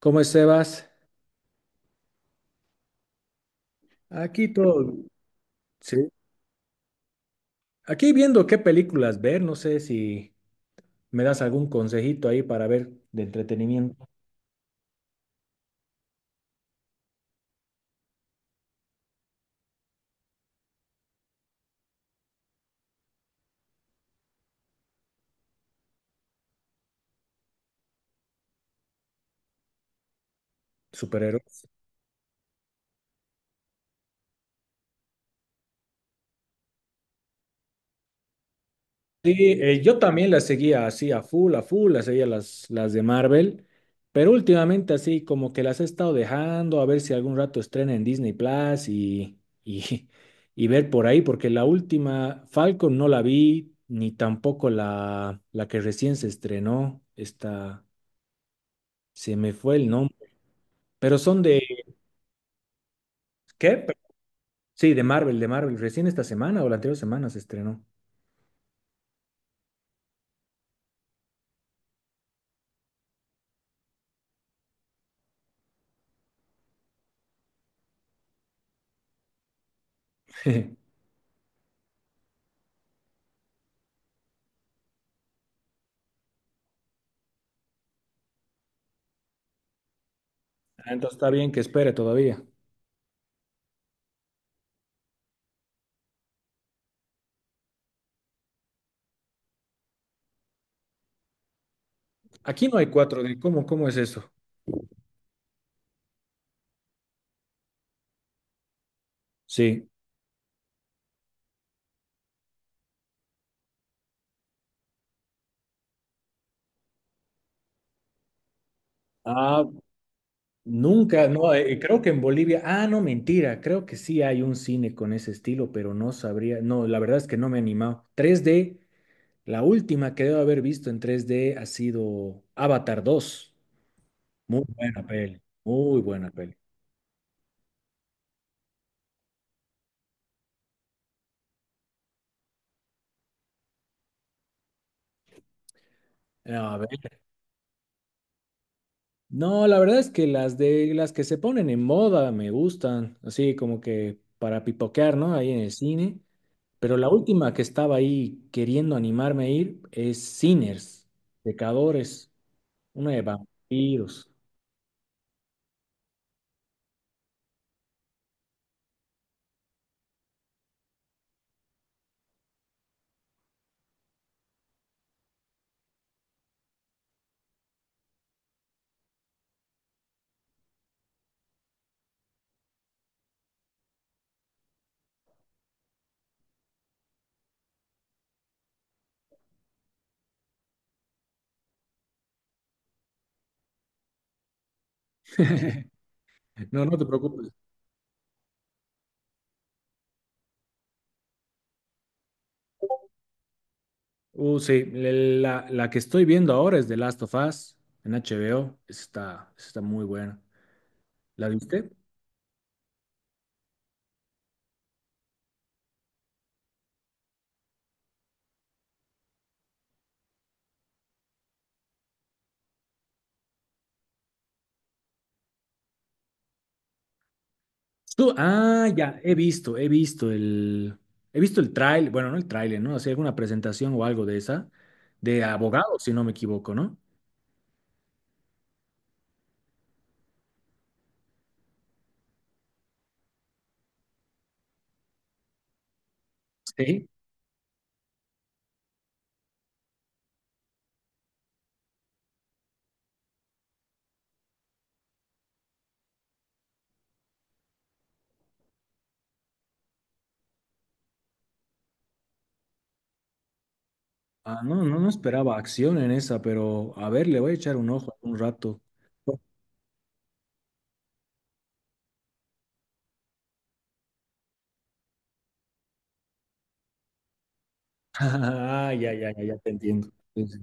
¿Cómo estás? Aquí todo, sí. Aquí viendo qué películas ver, no sé si me das algún consejito ahí para ver de entretenimiento, superhéroes. Sí, yo también las seguía así a full, las seguía las de Marvel, pero últimamente así como que las he estado dejando, a ver si algún rato estrena en Disney Plus y, y ver por ahí, porque la última Falcon no la vi, ni tampoco la que recién se estrenó, esta, se me fue el nombre. Pero son de, ¿qué? Sí, de Marvel, de Marvel. Recién esta semana o la anterior semana se estrenó. Ah, entonces está bien que espere todavía. Aquí no hay 4D. ¿Cómo es eso? Sí. Ah, nunca, no, creo que en Bolivia, ah, no, mentira, creo que sí hay un cine con ese estilo, pero no sabría, no, la verdad es que no me he animado. 3D, la última que debo haber visto en 3D ha sido Avatar 2. Muy buena peli, muy buena peli. A ver, no, la verdad es que las de las que se ponen en moda me gustan, así como que para pipoquear, ¿no? Ahí en el cine. Pero la última que estaba ahí queriendo animarme a ir es Sinners, Pecadores, una de vampiros. No, no te preocupes. Sí, la que estoy viendo ahora es The Last of Us en HBO. Esa está muy buena. ¿La viste? Ah, ya, he visto el trailer, bueno, no el trailer, ¿no? Hacía alguna presentación o algo de esa, de abogados, si no me equivoco, ¿no? Sí. Ah, no, no, no esperaba acción en esa, pero a ver, le voy a echar un ojo un rato. Ah, ya, ya, ya, ya te entiendo. Sí, sí.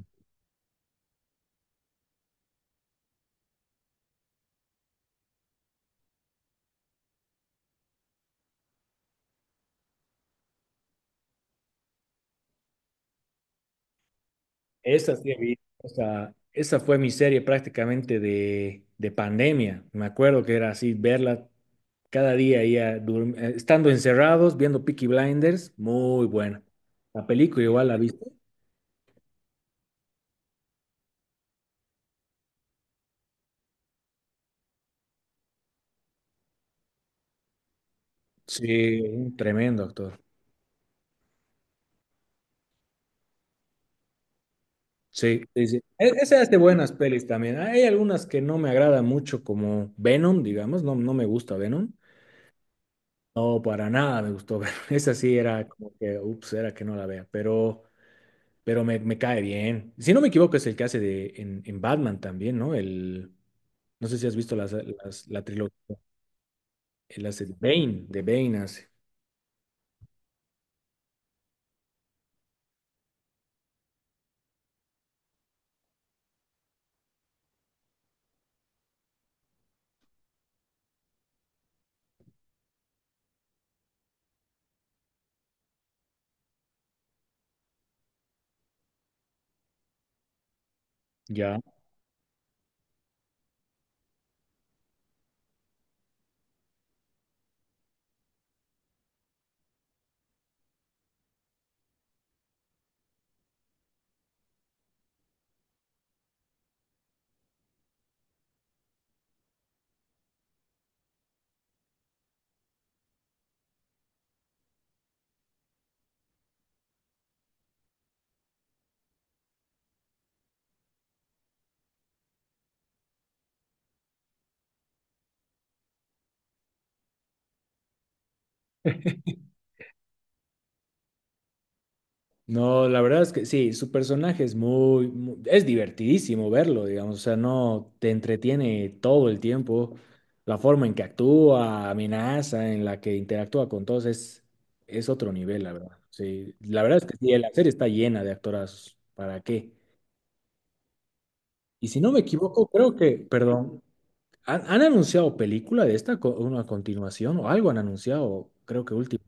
Esa sí he visto, o sea, esa fue mi serie prácticamente de pandemia. Me acuerdo que era así, verla cada día, ya, estando encerrados, viendo Peaky Blinders, muy buena. La película igual la viste. Sí, un tremendo actor. Sí, sí, sí. Esa es de buenas pelis también. Hay algunas que no me agradan mucho, como Venom, digamos, no, no me gusta Venom. No, para nada me gustó Venom. Esa sí era como que, ups, era que no la vea, pero me cae bien. Si no me equivoco, es el que hace de, en Batman también, ¿no? No sé si has visto la trilogía, él hace de Bane hace. Ya. No, la verdad es que sí, su personaje es es divertidísimo verlo, digamos, o sea, no te entretiene todo el tiempo, la forma en que actúa, amenaza, en la que interactúa con todos es otro nivel, la verdad. Sí, la verdad es que sí, la serie está llena de actorazos, ¿para qué? Y si no me equivoco, creo que, perdón, han anunciado película de esta, una continuación o algo han anunciado, creo que último.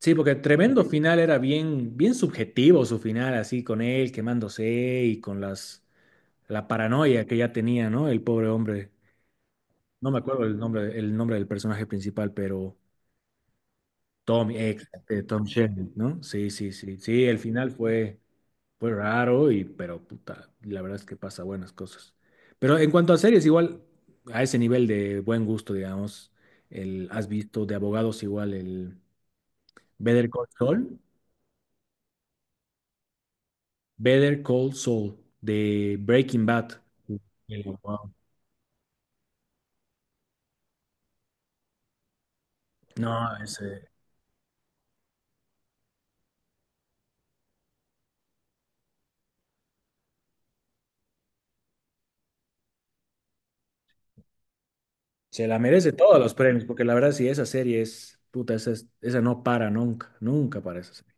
Sí, porque tremendo final era bien, bien subjetivo su final, así con él quemándose y con la paranoia que ya tenía, ¿no? El pobre hombre. No me acuerdo el nombre del personaje principal, pero Tom Shanks, ¿no? Sí, sí, sí. Sí, el final fue. Fue raro, pero puta, la verdad es que pasa buenas cosas. Pero en cuanto a series, igual a ese nivel de buen gusto, digamos, has visto de abogados igual el Better Call Saul, Better Call Saul de Breaking Bad. Wow. No, se la merece todos los premios, porque la verdad sí, esa serie es, puta, esa no para nunca, nunca para esa serie.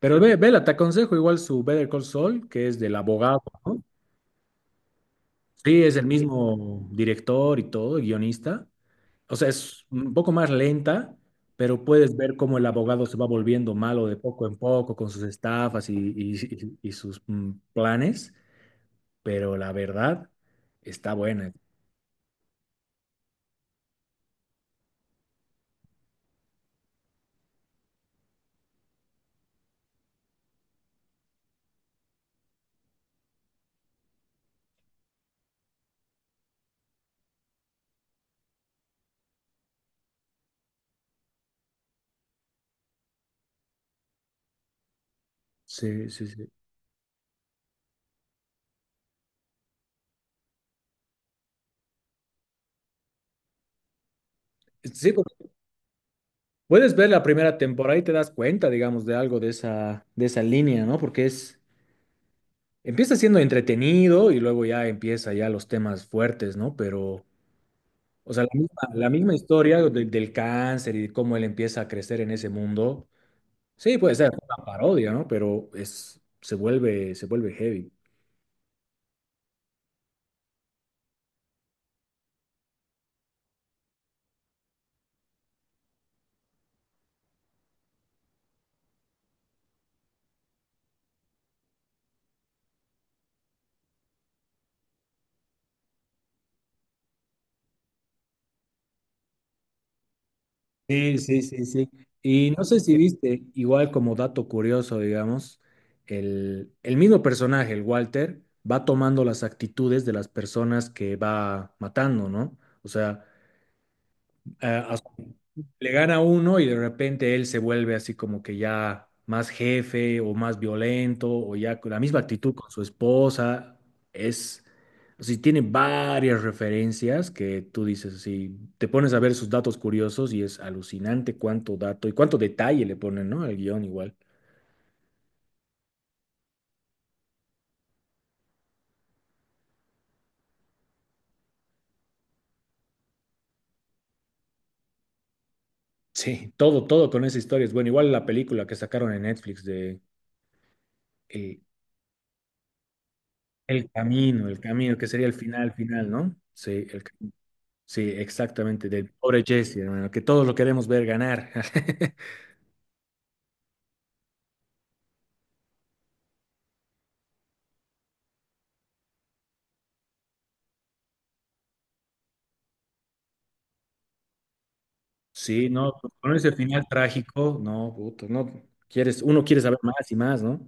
Pero vela, te aconsejo igual su Better Call Saul, que es del abogado, ¿no? Sí, es el mismo director y todo, guionista. O sea, es un poco más lenta, pero puedes ver cómo el abogado se va volviendo malo de poco en poco con sus estafas y sus planes, pero la verdad está buena. Sí, sí, sí. Sí, porque puedes ver la primera temporada y te das cuenta, digamos, de algo de esa, línea, ¿no? Porque empieza siendo entretenido y luego ya empieza ya los temas fuertes, ¿no? Pero... O sea, la misma, historia del cáncer y de cómo él empieza a crecer en ese mundo. Sí, puede ser una parodia, ¿no? Pero se vuelve heavy. Sí, sí, sí, sí. Y no sé si viste, igual como dato curioso, digamos, el mismo personaje, el Walter, va tomando las actitudes de las personas que va matando, ¿no? O sea, a, su le gana uno y de repente él se vuelve así como que ya más jefe o más violento o ya con la misma actitud con su esposa. Es, o sea, tiene varias referencias que tú dices así, te pones a ver sus datos curiosos y es alucinante cuánto dato y cuánto detalle le ponen, ¿no? Al guión igual. Sí, todo, todo con esa historia es bueno. Igual la película que sacaron en Netflix de eh, El Camino, El Camino, que sería el final, final, ¿no? Sí, el Camino. Sí, exactamente, del pobre Jesse, hermano, que todos lo queremos ver ganar. Sí, no, con ese final trágico, no, puto, no, uno quiere saber más y más, ¿no?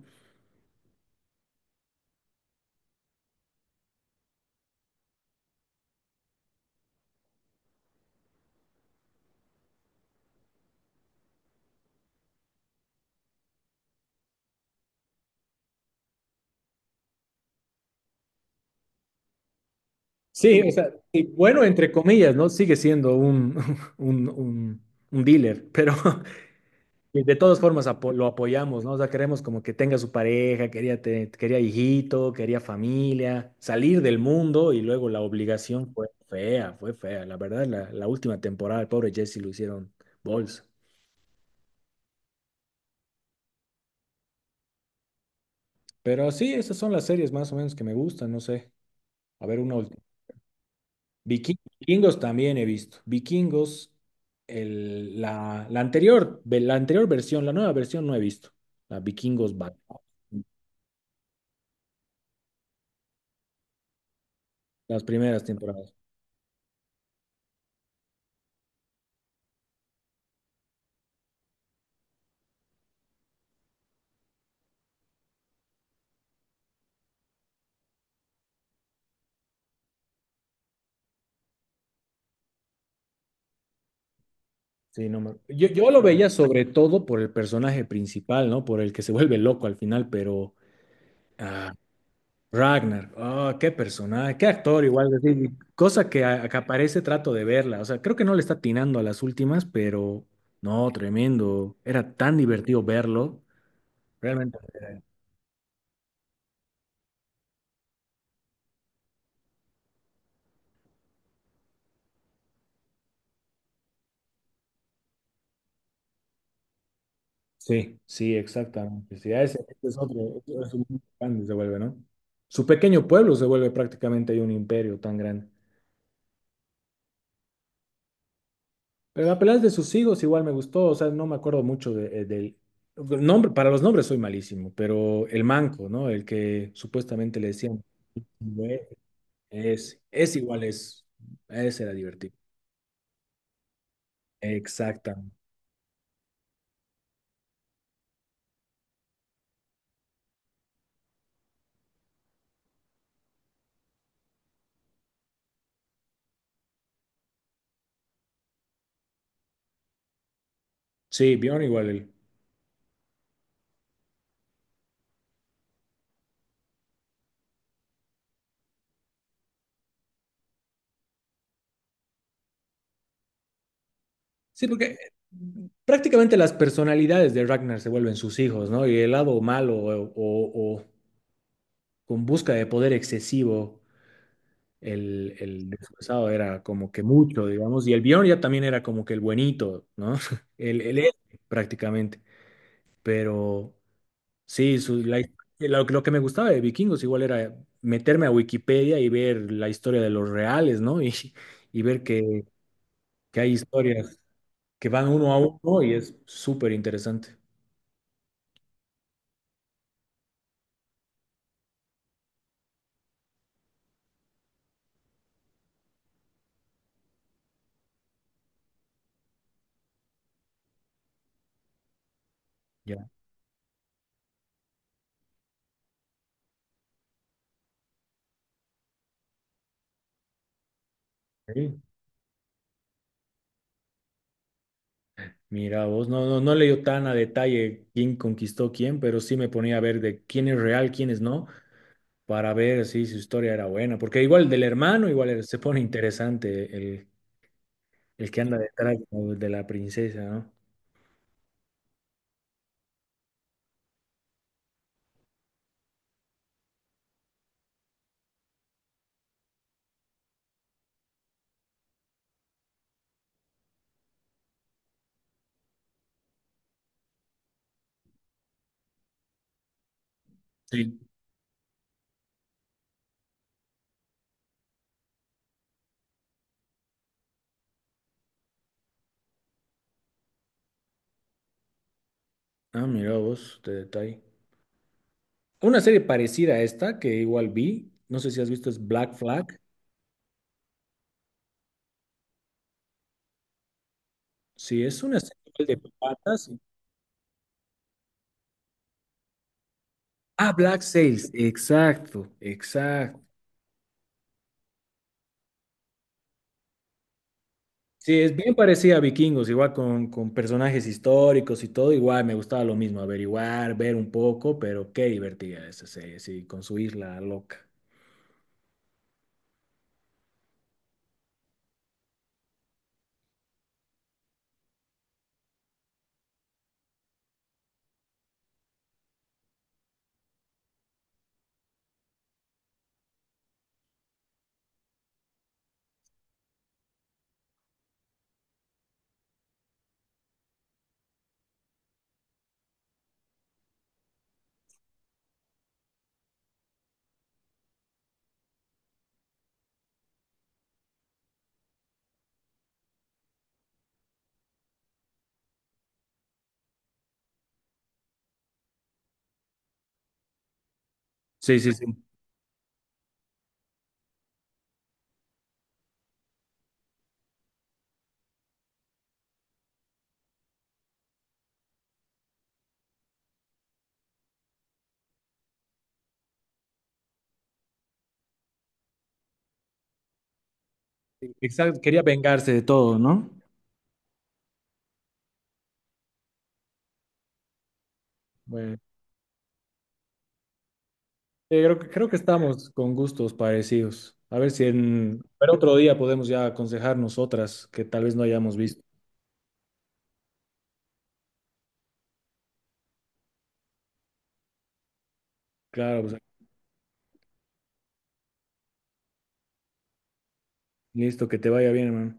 Sí, o sea, y bueno, entre comillas, ¿no? Sigue siendo un, un, un, un dealer, pero de todas formas lo apoyamos, ¿no? O sea, queremos como que tenga su pareja, quería, quería hijito, quería familia, salir del mundo y luego la obligación fue fea, fue fea. La verdad, la última temporada, el pobre Jesse lo hicieron bols. Pero sí, esas son las series más o menos que me gustan, no sé. A ver, una última. Vikingos también he visto. Vikingos, la anterior versión, la nueva versión no he visto. La Vikingos Back, las primeras temporadas. Sí, no me- yo lo veía sobre todo por el personaje principal, ¿no? Por el que se vuelve loco al final, pero... ah, Ragnar, oh, qué personaje, qué actor igual, es decir, cosa que, que aparece trato de verla, o sea, creo que no le está atinando a las últimas, pero no, tremendo, era tan divertido verlo, realmente. Sí, sí, exactamente, sí, a ese, este es otro, este es un grande se vuelve, ¿no? Su pequeño pueblo se vuelve prácticamente ahí un imperio tan grande. Pero la pelea de sus hijos igual me gustó, o sea, no me acuerdo mucho del nombre, para los nombres soy malísimo, pero el manco, ¿no? El que supuestamente le decían... es igual, es. Ese era divertido. Exacta. Sí, Bjorn igual él. Sí, porque prácticamente las personalidades de Ragnar se vuelven sus hijos, ¿no? Y el lado malo o con busca de poder excesivo, el desfasado era como que mucho, digamos. Y el Bjorn ya también era como que el buenito, ¿no? El héroe, prácticamente. Pero. Sí, lo que me gustaba de Vikingos igual era meterme a Wikipedia y ver la historia de los reales, ¿no? Y ver que hay historias que van uno a uno y es súper interesante. Ya. Sí. Mira vos, no, no, no leyó tan a detalle quién conquistó quién, pero sí me ponía a ver de quién es real, quién es no, para ver si su historia era buena. Porque igual del hermano, igual se pone interesante el que anda detrás ¿no?, de la princesa, ¿no? Sí. Ah, mira vos, de detalle. Una serie parecida a esta que igual vi, no sé si has visto, es Black Flag. Sí, es una serie igual de patas. Ah, Black Sails, exacto, exacto. Sí, es bien parecida a Vikingos, igual con personajes históricos y todo, igual me gustaba lo mismo, averiguar, ver un poco, pero qué divertida esa serie, sí, con su isla loca. Sí, sí, sí. Exacto, quería vengarse de todo, ¿no? Bueno. Creo que estamos con gustos parecidos. A ver si en... Pero otro día podemos ya aconsejarnos otras que tal vez no hayamos visto. Claro, pues, listo, que te vaya bien, hermano.